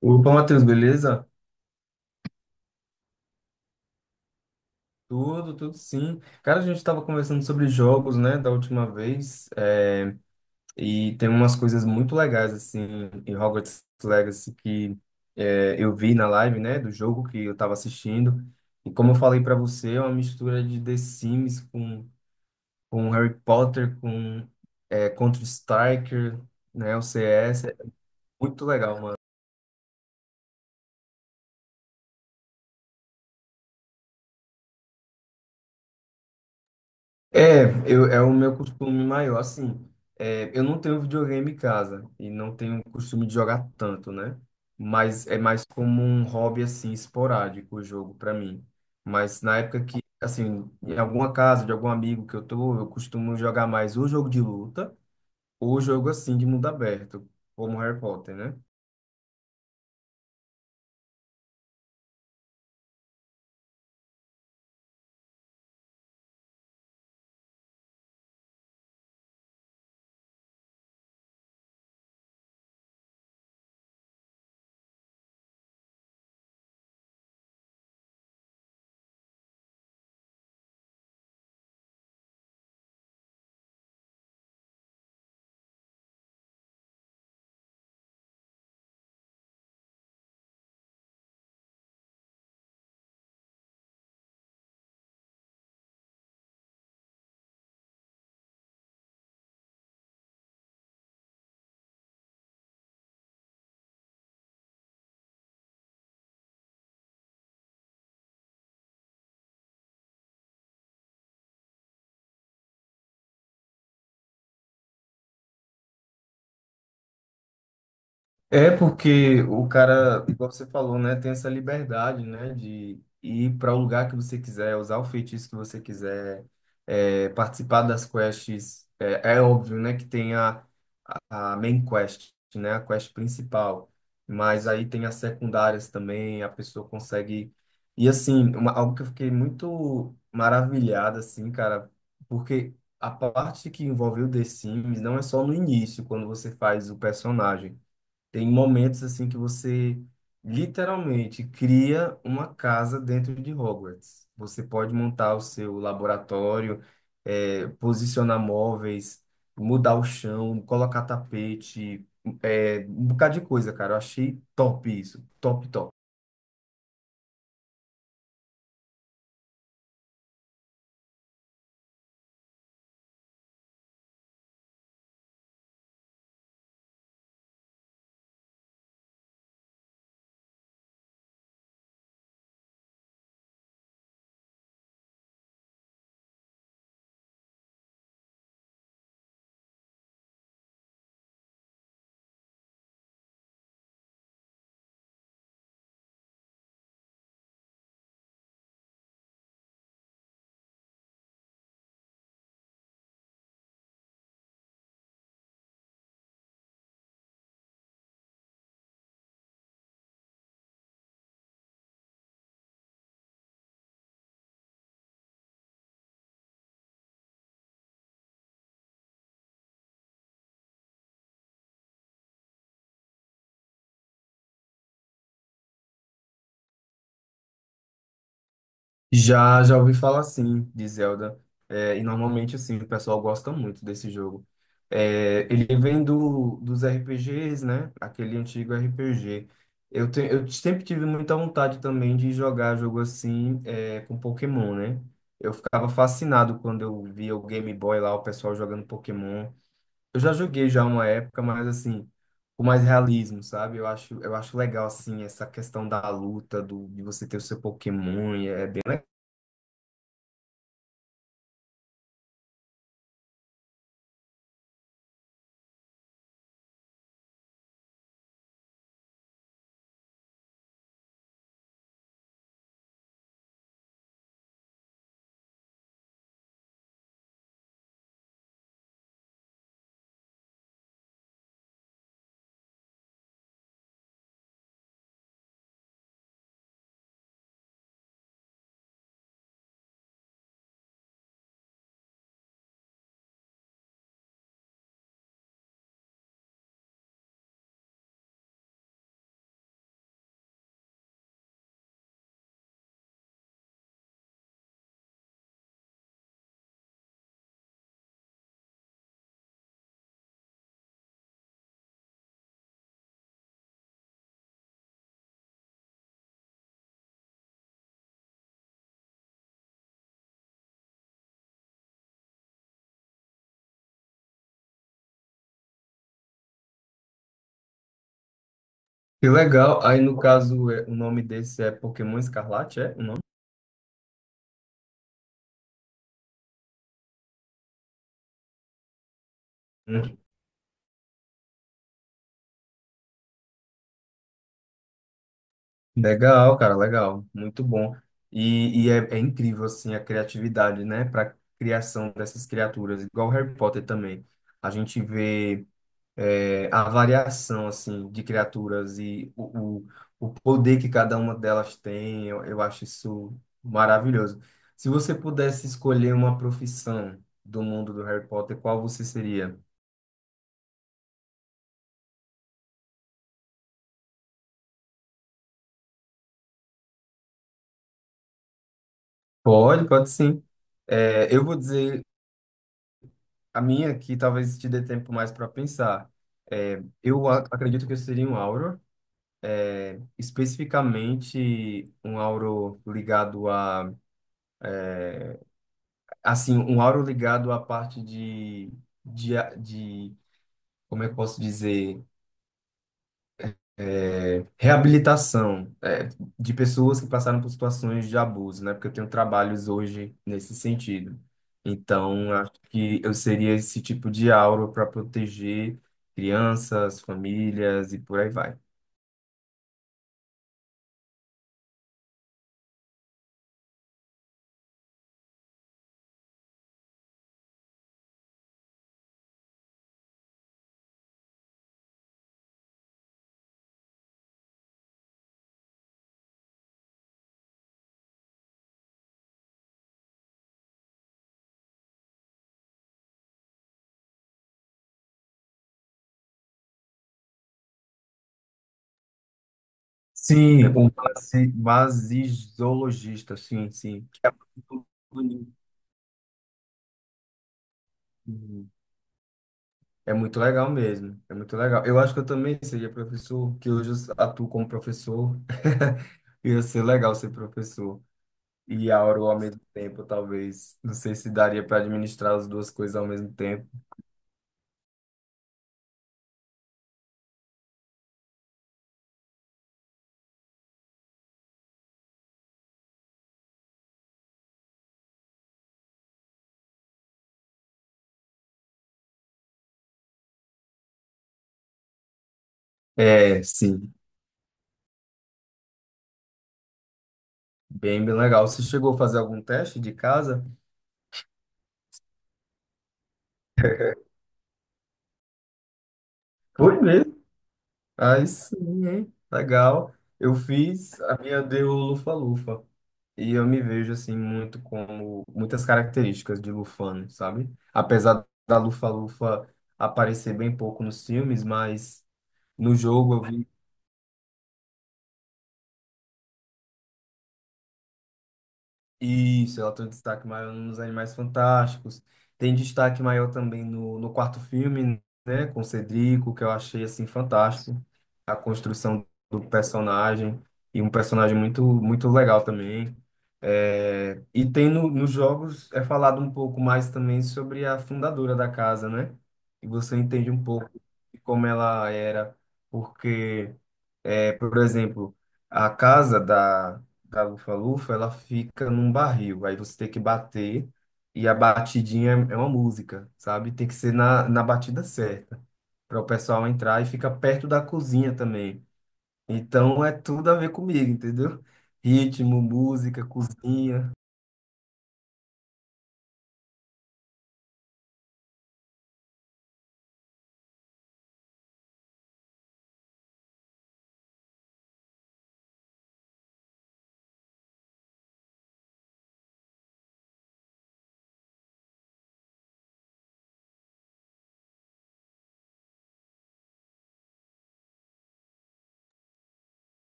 Opa, Matheus, beleza? Tudo, tudo sim. Cara, a gente estava conversando sobre jogos, né, da última vez, e tem umas coisas muito legais, assim, em Hogwarts Legacy que eu vi na live, né, do jogo que eu estava assistindo. E como eu falei para você, é uma mistura de The Sims com Harry Potter, com Counter-Strike, né, o CS. É muito legal. É o meu costume maior, assim, eu não tenho videogame em casa e não tenho costume de jogar tanto, né? Mas é mais como um hobby, assim, esporádico o jogo pra mim. Mas na época que, assim, em alguma casa de algum amigo que eu tô, eu costumo jogar mais ou jogo de luta ou jogo, assim, de mundo aberto, como Harry Potter, né? É porque o cara, igual você falou, né, tem essa liberdade, né, de ir para o lugar que você quiser, usar o feitiço que você quiser, participar das quests. É, é óbvio, né, que tem a main quest, né, a quest principal, mas aí tem as secundárias também, a pessoa consegue. E assim, algo que eu fiquei muito maravilhado, assim, cara, porque a parte que envolve o The Sims não é só no início, quando você faz o personagem. Tem momentos assim que você literalmente cria uma casa dentro de Hogwarts. Você pode montar o seu laboratório, posicionar móveis, mudar o chão, colocar tapete, um bocado de coisa, cara. Eu achei top isso, top, top. Já, já ouvi falar sim de Zelda. É, e normalmente assim, o pessoal gosta muito desse jogo. É, ele vem dos RPGs, né? Aquele antigo RPG. Eu sempre tive muita vontade também de jogar jogo assim, com Pokémon, né? Eu ficava fascinado quando eu via o Game Boy lá, o pessoal jogando Pokémon. Eu já joguei já uma época, mas assim, com mais realismo, sabe? Eu acho legal assim essa questão da luta, de você ter o seu Pokémon, e é bem... Que legal. Aí, no caso, o nome desse é Pokémon Escarlate, é o nome? Hum. Legal, cara, legal. Muito bom. É incrível, assim, a criatividade, né, para criação dessas criaturas. Igual Harry Potter também. A gente vê a variação, assim, de criaturas e o poder que cada uma delas tem. Eu acho isso maravilhoso. Se você pudesse escolher uma profissão do mundo do Harry Potter, qual você seria? Pode, pode sim. É, eu vou dizer a minha que talvez te dê tempo mais para pensar. É, eu acredito que eu seria um Auro, especificamente um Auro ligado a, assim, um Auro ligado à parte de, como é que eu posso dizer? Reabilitação, é, de pessoas que passaram por situações de abuso, né? Porque eu tenho trabalhos hoje nesse sentido. Então, acho que eu seria esse tipo de aura para proteger crianças, famílias e por aí vai. Sim, é o um vasizologista, sim, sim. Uhum. É muito legal mesmo, é muito legal. Eu acho que eu também seria professor, que hoje eu atuo como professor. Ia ser legal ser professor. E Auro ao mesmo tempo, talvez. Não sei se daria para administrar as duas coisas ao mesmo tempo. É, sim. Bem, bem legal. Você chegou a fazer algum teste de casa? Foi mesmo. Aí sim, hein? Legal. Eu fiz, a minha deu lufa-lufa. E eu me vejo, assim, muito como muitas características de Lufano, sabe? Apesar da lufa-lufa aparecer bem pouco nos filmes, mas no jogo eu vi... Isso, ela tem um destaque maior nos Animais Fantásticos. Tem destaque maior também no quarto filme, né, com o Cedrico, que eu achei assim fantástico. A construção do personagem e um personagem muito muito legal também. É, e tem no, nos jogos é falado um pouco mais também sobre a fundadora da casa, né? E você entende um pouco de como ela era, porque, é, por exemplo, a casa da lufa-lufa, ela fica num barril. Aí você tem que bater e a batidinha é uma música, sabe? Tem que ser na batida certa para o pessoal entrar e fica perto da cozinha também. Então é tudo a ver comigo, entendeu? Ritmo, música, cozinha.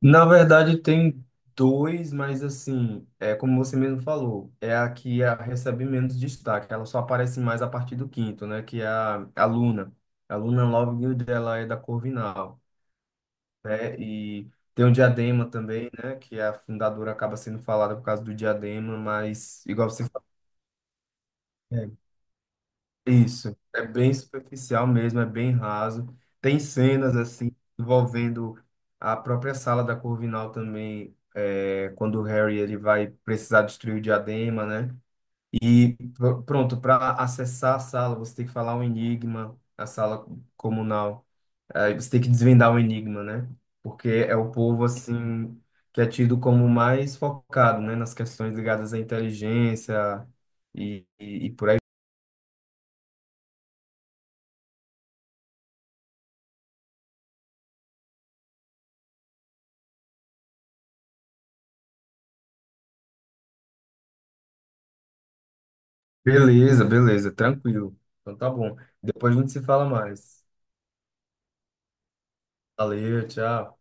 Na verdade tem dois, mas assim, é como você mesmo falou, é a que recebe menos destaque. Ela só aparece mais a partir do quinto, né? Que é a Luna. A Luna Lovegood, ela é da Corvinal. Né? E tem o Diadema também, né? Que a fundadora acaba sendo falada por causa do Diadema, mas igual você falou, é isso. É bem superficial mesmo, é bem raso. Tem cenas assim envolvendo a própria sala da Corvinal também, é, quando o Harry ele vai precisar destruir o Diadema, né? E pronto, para acessar a sala, você tem que falar um enigma, a sala comunal. Aí você tem que desvendar o enigma, né? Porque é o povo, assim, que é tido como mais focado, né? Nas questões ligadas à inteligência e por aí. Beleza, beleza, tranquilo. Então tá bom. Depois a gente se fala mais. Valeu, tchau.